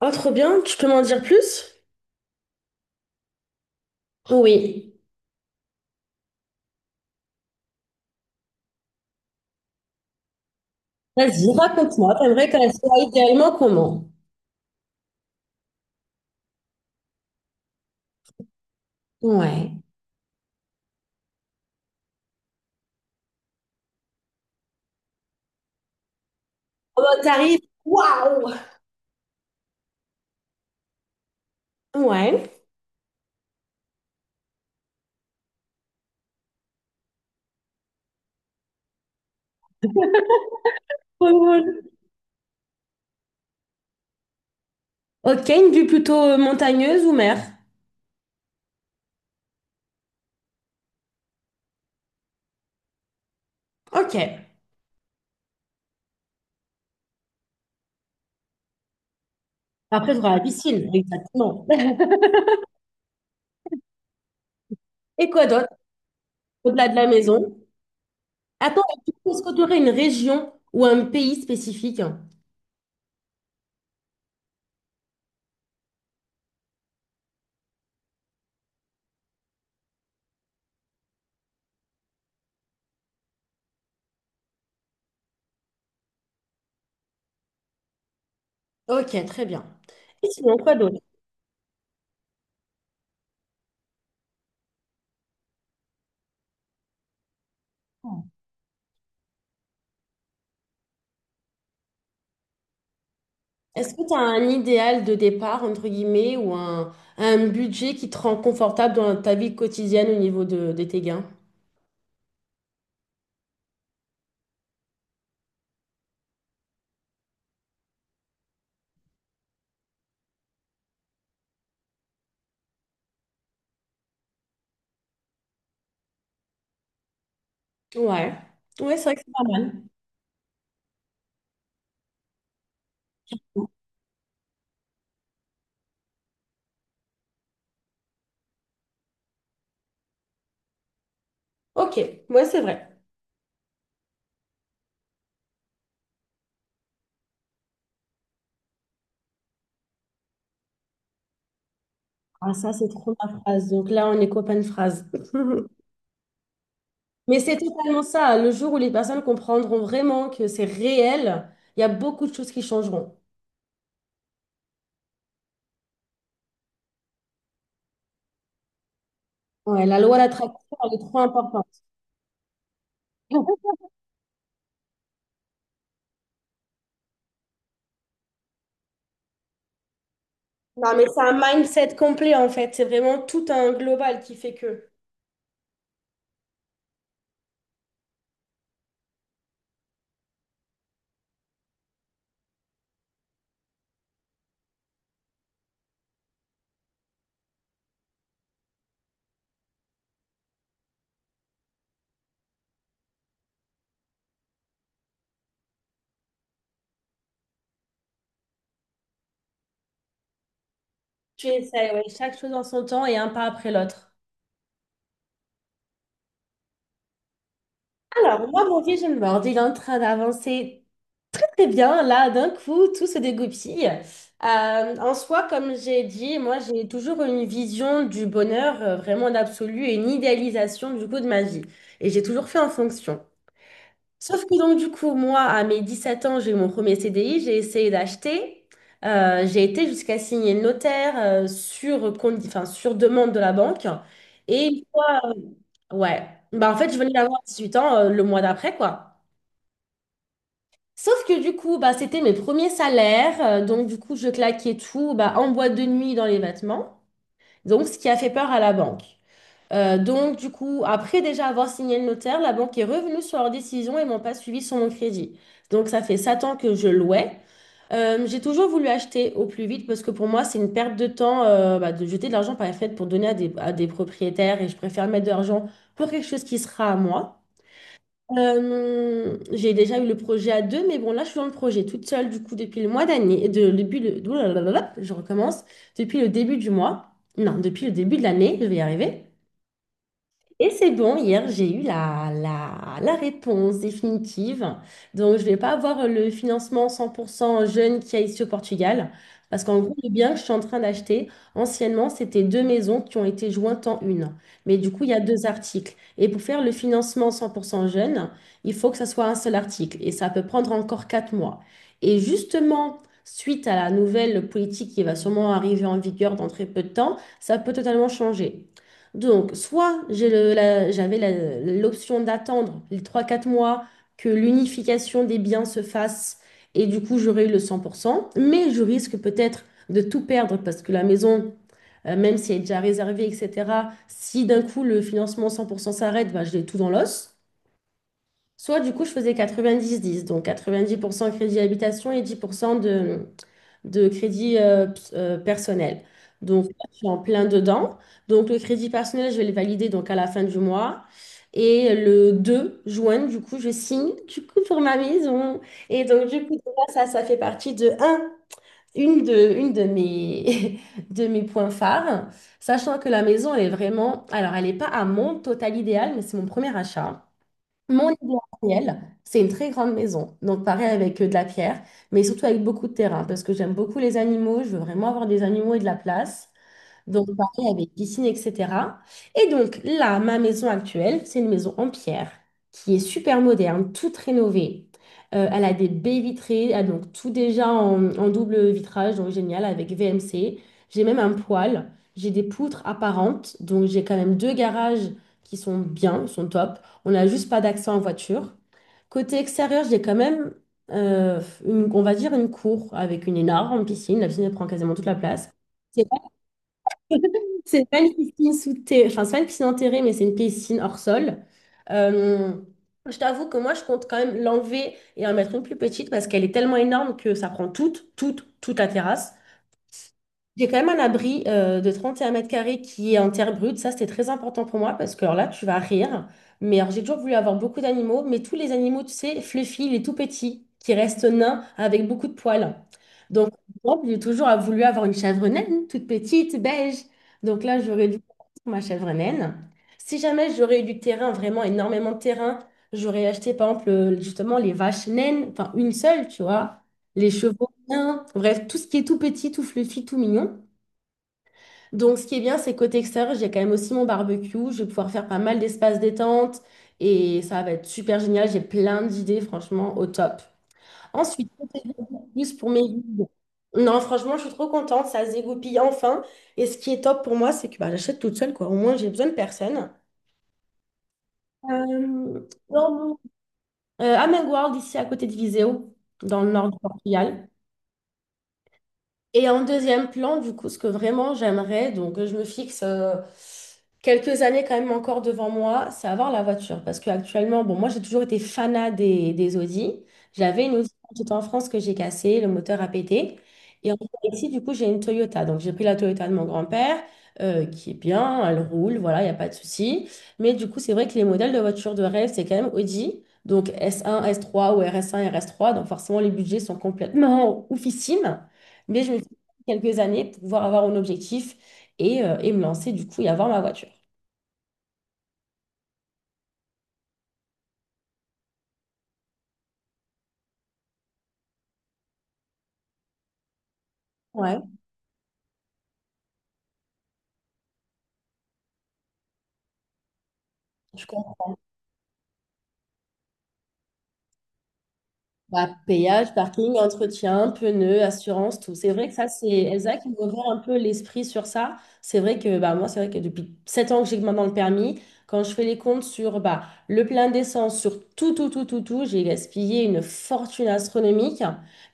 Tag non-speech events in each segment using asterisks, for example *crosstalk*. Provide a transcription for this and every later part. Ah, trop bien, tu peux m'en dire plus? Oui. Vas-y, raconte-moi, t'aimerais qu'elle soit idéalement comment? Ouais. Oh, bah, t'arrives, waouh! Ouais. Trop drôle. Ok, une vue plutôt montagneuse ou mer? Ok. Après, tu la piscine, exactement. *laughs* Et quoi d'autre, au-delà de la maison? Attends, est-ce que tu aurais une région ou un pays spécifique? Ok, très bien. Et sinon, quoi d'autre? Est-ce que tu as un idéal de départ, entre guillemets, ou un budget qui te rend confortable dans ta vie quotidienne au niveau de tes gains? Ouais. Ouais, c'est vrai que c'est pas mal. Ok, ouais, c'est vrai. Ah, ça, c'est trop ma phrase. Donc là, on est copain de phrase. *laughs* Mais c'est totalement ça. Le jour où les personnes comprendront vraiment que c'est réel, il y a beaucoup de choses qui changeront. Ouais, la loi d'attraction, elle est trop importante. *laughs* Non, mais c'est un mindset complet en fait. C'est vraiment tout un global qui fait que tu essaies, ouais, chaque chose en son temps et un pas après l'autre. Alors, moi, mon vision board, il est en train d'avancer très très bien. Là, d'un coup, tout se dégoupille. En soi, comme j'ai dit, moi, j'ai toujours une vision du bonheur vraiment d'absolu et une idéalisation du coup de ma vie. Et j'ai toujours fait en fonction. Sauf que donc, du coup, moi, à mes 17 ans, j'ai eu mon premier CDI, j'ai essayé d'acheter. J'ai été jusqu'à signer le notaire sur, sur demande de la banque. Et une fois, ouais, bah, en fait, je venais d'avoir 18 ans le mois d'après, quoi. Sauf que du coup, bah, c'était mes premiers salaires. Donc, du coup, je claquais tout bah, en boîte de nuit dans les vêtements. Donc, ce qui a fait peur à la banque. Donc, du coup, après déjà avoir signé le notaire, la banque est revenue sur leur décision et m'ont pas suivi sur mon crédit. Donc, ça fait 7 ans que je louais. J'ai toujours voulu acheter au plus vite parce que pour moi, c'est une perte de temps bah, de jeter de l'argent par les fenêtre pour donner à des propriétaires et je préfère mettre de l'argent pour quelque chose qui sera à moi. J'ai déjà eu le projet à deux, mais bon, là, je suis dans le projet toute seule, du coup, depuis le mois d'année, depuis le, ouh là là là là, je recommence, depuis le début du mois, non, depuis le début de l'année, je vais y arriver. Et c'est bon, hier, j'ai eu la réponse définitive. Donc, je ne vais pas avoir le financement 100% jeune qui a ici au Portugal. Parce qu'en gros, le bien que je suis en train d'acheter, anciennement, c'était deux maisons qui ont été jointes en une. Mais du coup, il y a deux articles. Et pour faire le financement 100% jeune, il faut que ça soit un seul article. Et ça peut prendre encore 4 mois. Et justement, suite à la nouvelle politique qui va sûrement arriver en vigueur dans très peu de temps, ça peut totalement changer. Donc, soit j'ai le- la- j'avais la- l'option d'attendre les trois quatre mois que l'unification des biens se fasse et du coup j'aurais eu le 100%, mais je risque peut-être de tout perdre parce que la maison, même si elle est déjà réservée, etc., si d'un coup le financement 100% s'arrête, bah, je l'ai tout dans l'os. Soit du coup je faisais 90-10, donc 90% crédit habitation et 10% de crédit personnel. Donc, là, je suis en plein dedans. Donc, le crédit personnel, je vais le valider donc à la fin du mois. Et le 2 juin, du coup, je signe du coup pour ma maison. Et donc, du coup, là, ça fait partie une de mes, *laughs* de mes points phares. Sachant que la maison, elle est vraiment... Alors, elle n'est pas à mon total idéal, mais c'est mon premier achat. Mon idéal, réel, c'est une très grande maison. Donc, pareil avec de la pierre, mais surtout avec beaucoup de terrain parce que j'aime beaucoup les animaux. Je veux vraiment avoir des animaux et de la place. Donc, pareil avec piscine, etc. Et donc, là, ma maison actuelle, c'est une maison en pierre qui est super moderne, toute rénovée. Elle a des baies vitrées, elle a donc tout déjà en double vitrage, donc génial, avec VMC. J'ai même un poêle, j'ai des poutres apparentes, donc j'ai quand même deux garages qui sont bien, sont top. On n'a juste pas d'accès en voiture. Côté extérieur, j'ai quand même, on va dire, une cour avec une énorme piscine. La piscine, elle prend quasiment toute la place. *laughs* C'est pas une piscine sous terre, enfin, c'est pas une piscine enterrée, mais c'est une piscine hors sol. Euh, je t'avoue que moi, je compte quand même l'enlever et en mettre une plus petite parce qu'elle est tellement énorme que ça prend toute, toute, toute la terrasse. J'ai quand même un abri de 31 mètres carrés qui est en terre brute. Ça, c'était très important pour moi parce que alors là, tu vas rire. Mais alors, j'ai toujours voulu avoir beaucoup d'animaux, mais tous les animaux, tu sais, fluffy, les tout petits, qui restent nains avec beaucoup de poils. Donc, par exemple, j'ai toujours voulu avoir une chèvre naine, toute petite, beige. Donc là, j'aurais dû prendre ma chèvre naine. Si jamais j'aurais eu du terrain, vraiment énormément de terrain, j'aurais acheté, par exemple, justement, les vaches naines, enfin, une seule, tu vois, les chevaux. Bien. Bref, tout ce qui est tout petit, tout fluffy, tout mignon. Donc, ce qui est bien, c'est côté extérieur, j'ai quand même aussi mon barbecue. Je vais pouvoir faire pas mal d'espace détente et ça va être super génial. J'ai plein d'idées, franchement, au top. Ensuite, côté plus pour mes vides. Non, franchement, je suis trop contente. Ça se dégoupille enfin. Et ce qui est top pour moi, c'est que bah, j'achète toute seule, quoi. Au moins, j'ai besoin de personne. Euh, dans mon- à Menguarde, ici à côté de Viseu, dans le nord du Portugal. Et en deuxième plan, du coup, ce que vraiment j'aimerais, donc je me fixe quelques années quand même encore devant moi, c'est avoir la voiture. Parce qu'actuellement, bon, moi j'ai toujours été fanat des Audi. J'avais une Audi quand j'étais en France que j'ai cassée, le moteur a pété. Et en ici, du coup, j'ai une Toyota. Donc j'ai pris la Toyota de mon grand-père, qui est bien, elle roule, voilà, il n'y a pas de souci. Mais du coup, c'est vrai que les modèles de voitures de rêve, c'est quand même Audi. Donc s un, s trois ou RS1, rs trois. Donc forcément, les budgets sont complètement oufissimes. Mais je me quelques années pour pouvoir avoir un objectif et me lancer du coup et avoir ma voiture. Ouais, je Bah, péage, parking, entretien, pneus, assurance, tout. C'est vrai que ça, c'est Elsa qui m'a ouvert un peu l'esprit sur ça. C'est vrai que bah, moi, c'est vrai que depuis 7 ans que j'ai maintenant le permis, quand je fais les comptes sur bah, le plein d'essence, sur tout, tout, tout, tout, tout, j'ai gaspillé une fortune astronomique.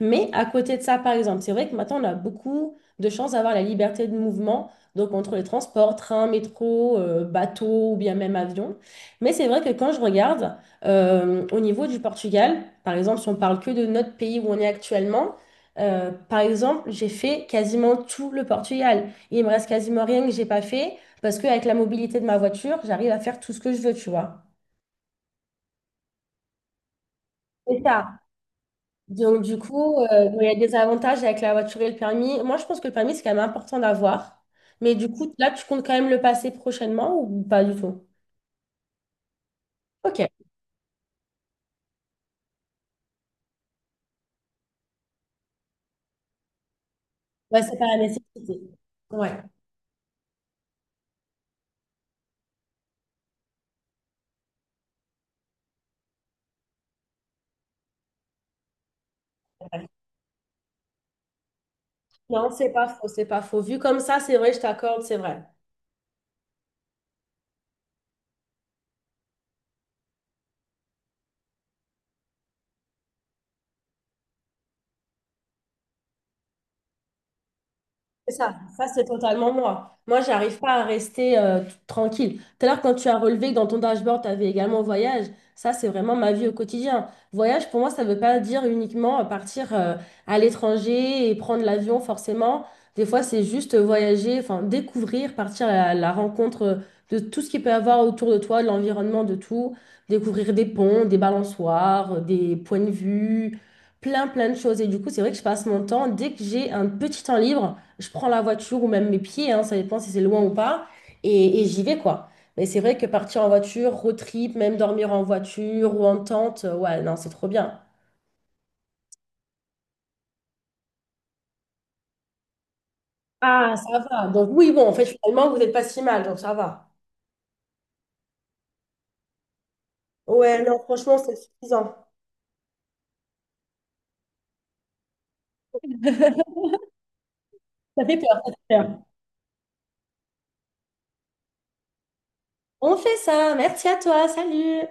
Mais à côté de ça, par exemple, c'est vrai que maintenant, on a beaucoup de chance d'avoir la liberté de mouvement, donc entre les transports, train, métro, bateau ou bien même avion. Mais c'est vrai que quand je regarde, au niveau du Portugal, par exemple, si on parle que de notre pays où on est actuellement, par exemple, j'ai fait quasiment tout le Portugal. Il me reste quasiment rien que j'ai pas fait parce qu'avec la mobilité de ma voiture, j'arrive à faire tout ce que je veux, tu vois. C'est ça. Donc, du coup, bon, il y a des avantages avec la voiture et le permis. Moi, je pense que le permis, c'est quand même important d'avoir. Mais du coup, là, tu comptes quand même le passer prochainement ou pas du tout? Ok. Ouais, c'est pas la nécessité. Ouais. Non, c'est pas faux, c'est pas faux. Vu comme ça, c'est vrai, je t'accorde, c'est vrai. C'est ça, ça c'est totalement moi. Moi, j'arrive pas à rester tranquille. Tout à l'heure, quand tu as relevé que dans ton dashboard, tu avais également voyage, ça c'est vraiment ma vie au quotidien. Voyage, pour moi, ça veut pas dire uniquement partir à l'étranger et prendre l'avion forcément. Des fois, c'est juste voyager, enfin découvrir, partir à la rencontre de tout ce qu'il peut y avoir autour de toi, de l'environnement, de tout. Découvrir des ponts, des balançoires, des points de vue, plein, plein de choses. Et du coup, c'est vrai que je passe mon temps, dès que j'ai un petit temps libre, je prends la voiture ou même mes pieds, hein, ça dépend si c'est loin ou pas, et j'y vais quoi. Mais c'est vrai que partir en voiture, road trip, même dormir en voiture ou en tente, ouais, non, c'est trop bien. Ah, ça va. Donc oui, bon, en fait, finalement, vous n'êtes pas si mal, donc ça va. Ouais, non, franchement, c'est suffisant. *laughs* Ça fait peur, ça fait peur. On fait ça. Merci à toi. Salut.